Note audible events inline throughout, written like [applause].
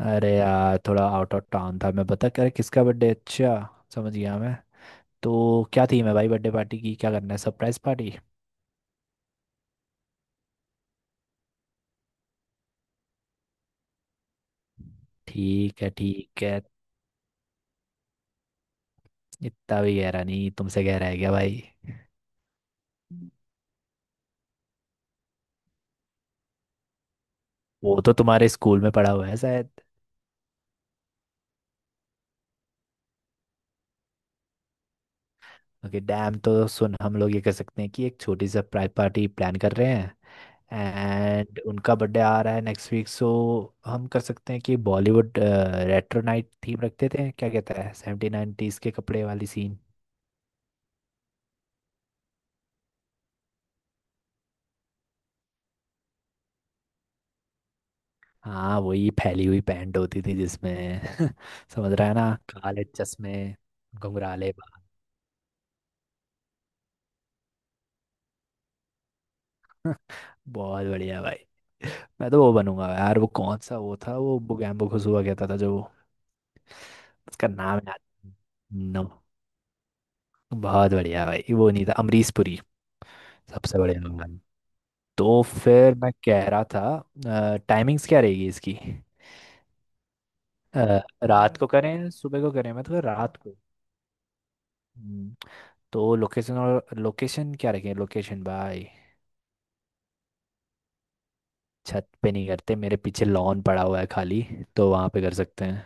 अरे यार, थोड़ा आउट ऑफ टाउन था मैं। बता कर, किसका बर्थडे? अच्छा, समझ गया मैं। तो क्या थीम है भाई बर्थडे पार्टी की? क्या करना है, सरप्राइज पार्टी? ठीक है, ठीक है। इतना भी गहरा नहीं, तुमसे गहरा है क्या भाई? वो तो तुम्हारे स्कूल में पढ़ा हुआ है शायद। ओके डैम, तो सुन। हम लोग ये कर सकते हैं कि एक छोटी सरप्राइज पार्टी प्लान कर रहे हैं एंड उनका बर्थडे आ रहा है नेक्स्ट वीक। सो हम कर सकते हैं कि बॉलीवुड रेट्रो नाइट थीम रखते थे, क्या कहता है? सेवेंटी नाइनटीज के कपड़े वाली सीन। हाँ, वही फैली हुई पैंट होती थी जिसमें [laughs] समझ रहा है ना? काले चश्मे, घुंघराले बाल। बहुत बढ़िया भाई। मैं तो वो बनूंगा यार, वो कौन सा वो था, वो बुगैम्बो खुशबा कहता था जो। उसका नाम याद। नो। बहुत बढ़िया भाई। वो नहीं था? अमरीश पुरी। सबसे बढ़िया भगवान। तो फिर मैं कह रहा था, टाइमिंग्स क्या रहेगी इसकी? अ, रात को करें या सुबह को करें? मैं तो कह रहा रात को। हम्म, तो लोकेशन, और लोकेशन क्या रखें लोकेशन भाई? छत पे नहीं करते, मेरे पीछे लॉन पड़ा हुआ है खाली, तो वहाँ पे कर सकते हैं।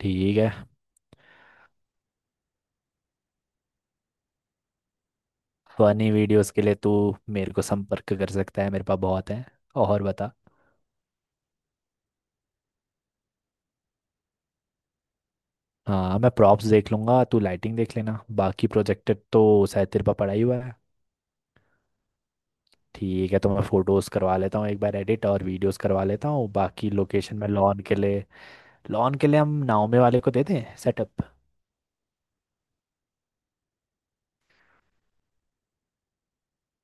ठीक है। फनी वीडियोस के लिए तू मेरे को संपर्क कर सकता है, मेरे पास बहुत है। और बता। हाँ, मैं प्रॉप्स देख लूँगा, तू लाइटिंग देख लेना। बाकी प्रोजेक्टर तो शायद तेरे पास पड़ा ही हुआ है। ठीक है। तो मैं फोटोज़ करवा लेता हूँ एक बार एडिट, और वीडियोस करवा लेता हूँ। बाकी लोकेशन में, लॉन के लिए, लॉन के लिए हम नाओमे वाले को देते हैं सेटअप।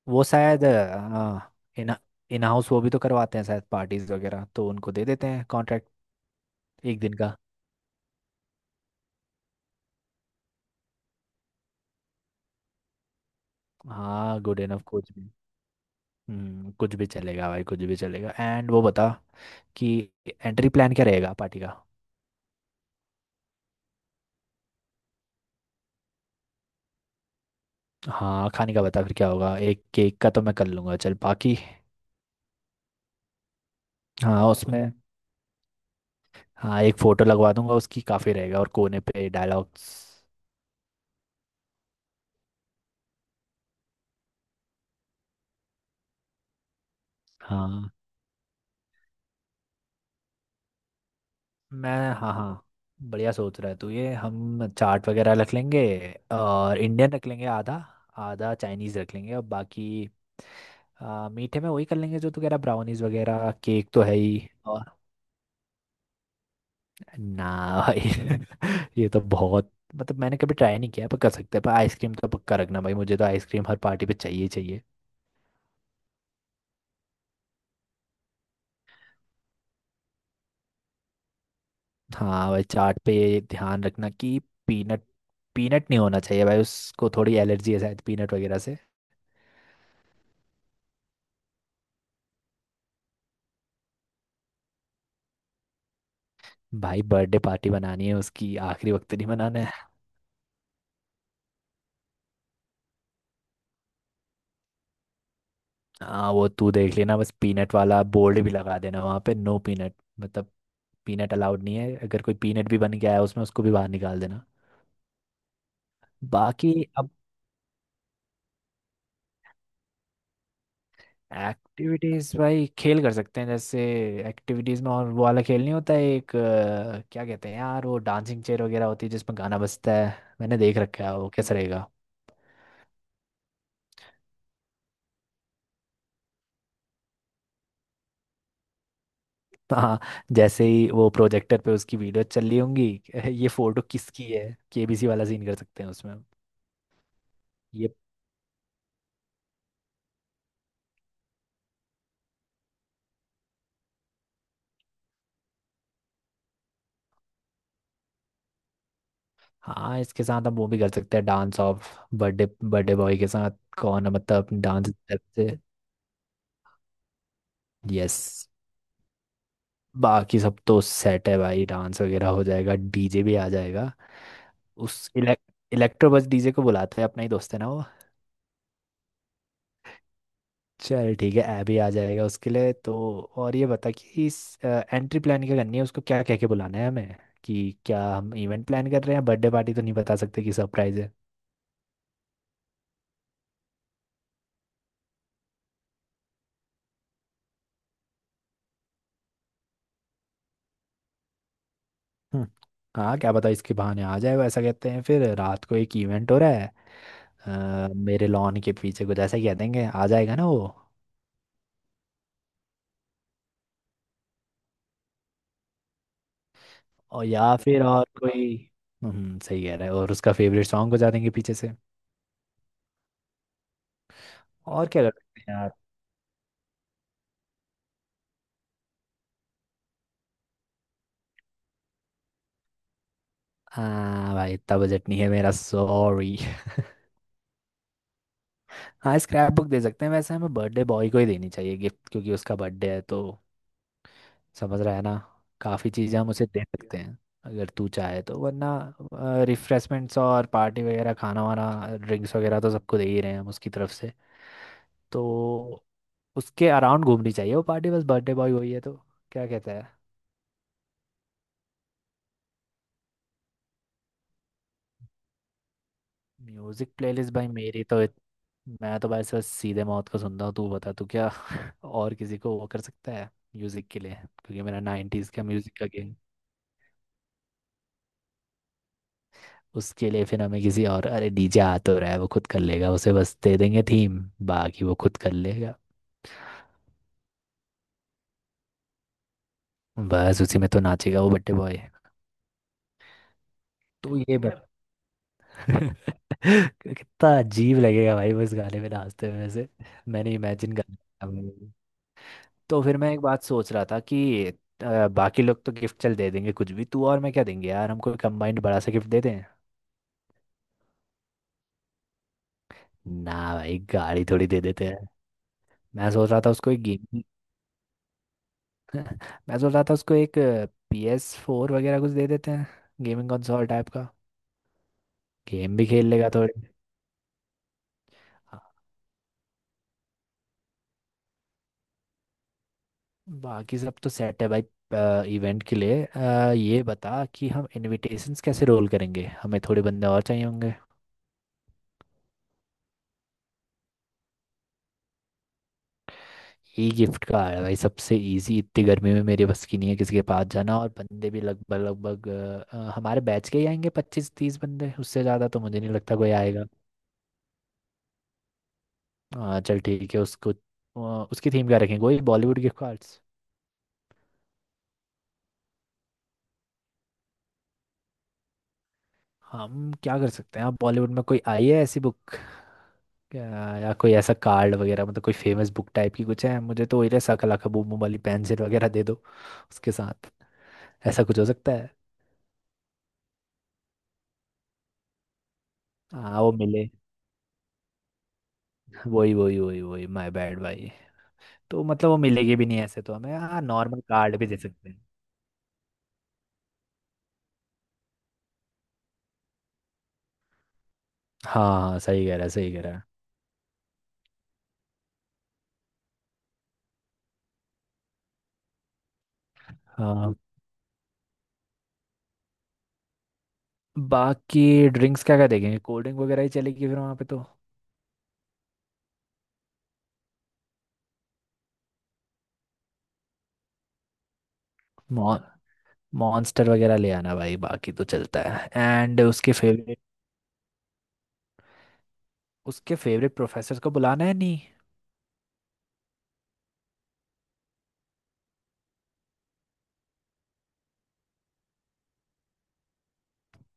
वो शायद हाँ। इन इन हाउस वो भी तो करवाते हैं शायद, पार्टीज वगैरह, तो उनको दे देते हैं कॉन्ट्रैक्ट, एक दिन का। हाँ गुड इनफ, कुछ भी। कुछ भी चलेगा भाई, कुछ भी चलेगा। एंड वो बता कि एंट्री प्लान क्या रहेगा पार्टी का? हाँ खाने का बता, फिर क्या होगा। एक केक का तो मैं कर लूँगा, चल। बाकी हाँ उसमें, हाँ एक फ़ोटो लगवा दूंगा उसकी, काफ़ी रहेगा। और कोने पे डायलॉग्स। हाँ। मैं हाँ, हाँ। बढ़िया सोच रहा है तू। ये हम चाट वगैरह रख लेंगे और इंडियन रख लेंगे आधा, आधा चाइनीज़ रख लेंगे। और बाकी मीठे में वही कर लेंगे जो तू कह रहा, ब्राउनीज वगैरह। केक तो है ही। ना भाई [laughs] ये तो बहुत, मतलब मैंने कभी ट्राई नहीं किया, पर कर सकते हैं। पर आइसक्रीम तो पक्का रखना भाई, मुझे तो आइसक्रीम हर पार्टी पे चाहिए ही चाहिए। हाँ भाई, चाट पे ये ध्यान रखना कि पीनट पीनट नहीं होना चाहिए भाई। उसको थोड़ी एलर्जी है शायद पीनट वगैरह से। भाई बर्थडे पार्टी बनानी है उसकी, आखिरी वक्त नहीं बनाना है। हाँ वो तू देख लेना। बस पीनट वाला बोर्ड भी लगा देना वहाँ पे, नो पीनट। मतलब पीनट अलाउड नहीं है। अगर कोई पीनट भी बन गया है उसमें, उसको भी बाहर निकाल देना। बाकी अब, एक्टिविटीज भाई, खेल कर सकते हैं, जैसे एक्टिविटीज में। और वो वाला खेल नहीं होता है एक, क्या कहते हैं यार, वो डांसिंग चेयर वगैरह होती है जिसमें गाना बजता है। मैंने देख रखा है, वो कैसा रहेगा? [laughs] हाँ, जैसे ही वो प्रोजेक्टर पे उसकी वीडियो चल रही होंगी [laughs] ये फोटो किसकी है। केबीसी वाला सीन कर सकते हैं उसमें हम। ये हाँ, इसके साथ हम वो भी कर सकते हैं, dance off birthday birthday boy के साथ। कौन, मतलब डांस स्टेप से? यस। बाकी सब तो सेट है भाई, डांस वगैरह हो जाएगा, डीजे भी आ जाएगा। उस इलेक, इलेक्ट्रो, बस डीजे को बुलाते हैं, अपना ही दोस्त है ना वो। चल ठीक है, ऐप भी आ जाएगा उसके लिए तो। और ये बता कि इस एंट्री प्लान क्या करनी है, उसको क्या कह के बुलाना है हमें? कि क्या हम इवेंट प्लान कर रहे हैं? बर्थडे पार्टी तो नहीं बता सकते कि सरप्राइज है। हम्म, हाँ क्या पता इसके बहाने आ जाए वो। ऐसा कहते हैं फिर रात को एक इवेंट हो रहा है मेरे लॉन के पीछे, कुछ ऐसा ही कह देंगे, आ जाएगा ना वो। और या फिर और कोई। सही कह रहा है, और उसका फेवरेट सॉन्ग बजा देंगे पीछे से। और क्या कर सकते हैं? हाँ भाई, इतना बजट नहीं है मेरा, सॉरी। हाँ स्क्रैप बुक दे सकते हैं। वैसे हमें बर्थडे बॉय को ही देनी चाहिए गिफ्ट, क्योंकि उसका बर्थडे है तो। समझ रहा है ना? काफ़ी चीज़ें हम उसे दे सकते हैं अगर तू चाहे तो, वरना रिफ्रेशमेंट्स और पार्टी वगैरह, खाना वाना, ड्रिंक्स वगैरह तो सबको दे ही रहे हैं हम उसकी तरफ से। तो उसके अराउंड घूमनी चाहिए वो पार्टी, बस। बर्थडे बॉय वही है तो, क्या कहता है? म्यूजिक प्लेलिस्ट भाई, मेरी तो मैं तो भाई सर सीधे मौत को सुनता हूँ, तू बता तू क्या [laughs] और किसी को वो कर सकता है म्यूजिक के लिए, क्योंकि मेरा 90s का म्यूजिक का गेम। उसके लिए फिर हमें किसी और, अरे डीजे आ तो रहा है, वो खुद कर लेगा। उसे बस दे देंगे थीम, बाकी वो खुद कर लेगा। बस उसी में तो नाचेगा वो बट्टे बॉय। तो ये बत [laughs] कितना अजीब लगेगा भाई, वो इस गाने में नाचते हुए से। मैंने इमेजिन कर लिया। तो फिर मैं एक बात सोच रहा था कि, बाकी लोग तो गिफ्ट चल दे देंगे कुछ भी, तू और मैं क्या देंगे यार, हम कोई कंबाइंड बड़ा सा गिफ्ट देते हैं। ना भाई, गाड़ी थोड़ी दे देते हैं। मैं सोच रहा था उसको एक गेमिंग [laughs] मैं सोच रहा था उसको एक पी एस फोर वगैरह कुछ दे देते हैं, गेमिंग कंसोल टाइप का। गेम भी खेल लेगा थोड़े। हाँ। बाकी सब तो सेट है भाई। इवेंट के लिए ये बता कि हम इनविटेशंस कैसे रोल करेंगे, हमें थोड़े बंदे और चाहिए होंगे। ई गिफ्ट का आ रहा है भाई, सबसे इजी। इतनी गर्मी में मेरे बस की नहीं है किसी के पास जाना। और बंदे भी लगभग लगभग हमारे बैच के ही आएंगे, 25 30 बंदे। उससे ज़्यादा तो मुझे नहीं लगता कोई आएगा। हाँ चल ठीक है। उसको उसकी थीम क्या रखेंगे? वही बॉलीवुड गिफ्ट कार्ड्स। हम क्या कर सकते हैं? आप बॉलीवुड में कोई आई है ऐसी बुक क्या, या कोई ऐसा कार्ड वगैरह, मतलब कोई फेमस बुक टाइप की कुछ है? मुझे तो वही, रहा सकला का बूम बूम वाली पेंसिल वगैरह दे दो उसके साथ। ऐसा कुछ हो सकता है। हाँ वो मिले, वही वही वही वही, माय बैड भाई। तो मतलब वो मिलेगी भी नहीं ऐसे तो हमें। हाँ नॉर्मल कार्ड भी दे सकते हैं। हाँ हाँ, सही कह रहा है, सही कह रहा है। हाँ। बाकी ड्रिंक्स क्या क्या देखेंगे? कोल्ड ड्रिंक वगैरह ही चलेगी फिर वहाँ पे तो। मॉन मॉन्स्टर वगैरह ले आना भाई, बाकी तो चलता है। एंड उसके फेवरेट, उसके फेवरेट प्रोफेसर को बुलाना है नहीं?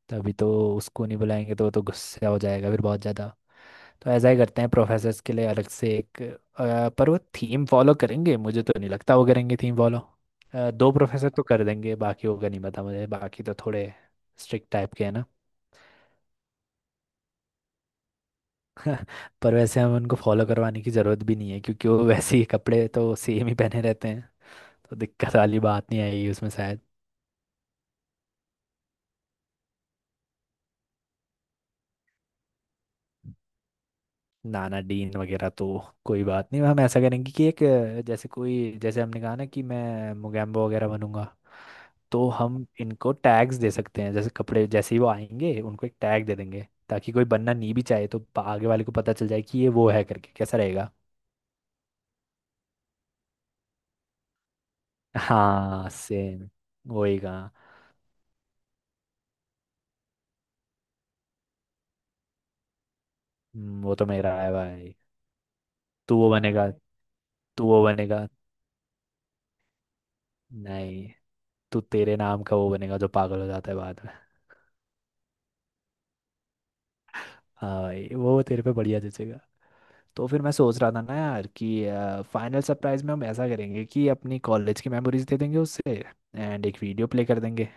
तभी तो। उसको नहीं बुलाएंगे तो वो तो गुस्सा हो जाएगा फिर बहुत ज़्यादा। तो ऐसा ही करते हैं, प्रोफेसर्स के लिए अलग से एक, पर वो थीम फॉलो करेंगे, मुझे तो नहीं लगता वो करेंगे थीम फॉलो। दो प्रोफेसर तो कर देंगे, बाकी होगा नहीं, पता मुझे बाकी तो थोड़े स्ट्रिक्ट टाइप के हैं ना। पर वैसे हमें उनको फॉलो करवाने की ज़रूरत भी नहीं है, क्योंकि वो [laughs] वैसे ही कपड़े तो सेम ही पहने रहते हैं, तो दिक्कत वाली बात नहीं आएगी उसमें शायद। नानाडीन वगैरह तो कोई बात नहीं। हम ऐसा करेंगे कि एक, जैसे कोई, जैसे हमने कहा ना कि मैं मुगैम्बो वगैरह बनूंगा, तो हम इनको टैग्स दे सकते हैं, जैसे कपड़े। जैसे ही वो आएंगे उनको एक टैग दे देंगे, ताकि कोई बनना नहीं भी चाहे तो पा- आगे वाले को पता चल जाए कि ये वो है करके। कैसा रहेगा? हाँ सेम, वही कहा। वो तो मेरा है भाई। तू वो बनेगा। तू वो बनेगा नहीं, तू तेरे नाम का वो बनेगा जो पागल हो जाता है बाद में। हाँ भाई, वो तेरे पे बढ़िया जचेगा। तो फिर मैं सोच रहा था ना यार, कि फाइनल सरप्राइज में हम ऐसा करेंगे कि अपनी कॉलेज की मेमोरीज दे देंगे उससे, एंड एक वीडियो प्ले कर देंगे,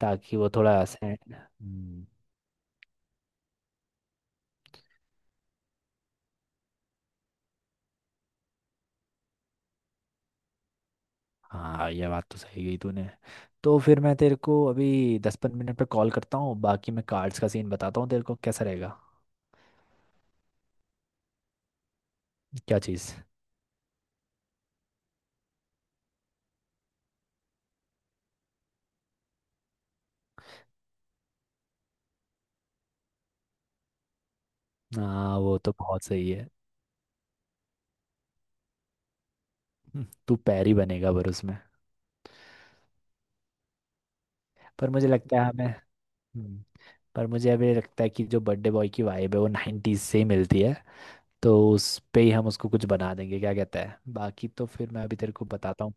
ताकि वो थोड़ा से हाँ ये बात तो सही गई तूने। तो फिर मैं तेरे को अभी 10-15 मिनट पे कॉल करता हूँ, बाकी मैं कार्ड्स का सीन बताता हूँ तेरे को, कैसा रहेगा? क्या चीज़? हाँ वो तो बहुत सही है। [laughs] तू पैरी बनेगा पर उसमें। पर मुझे लगता है हमें हम्म, पर मुझे अभी लगता है कि जो बर्थडे बॉय की वाइब है वो नाइन्टीज से ही मिलती है। तो उस पे ही हम उसको कुछ बना देंगे, क्या कहता है? बाकी तो फिर मैं अभी तेरे को बताता हूँ।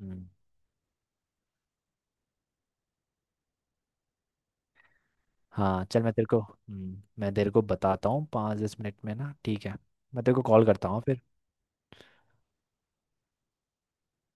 हम्म, हाँ चल, मैं तेरे को बताता हूँ 5-10 मिनट में ना, ठीक है? मैं तेरे को कॉल करता हूँ फिर।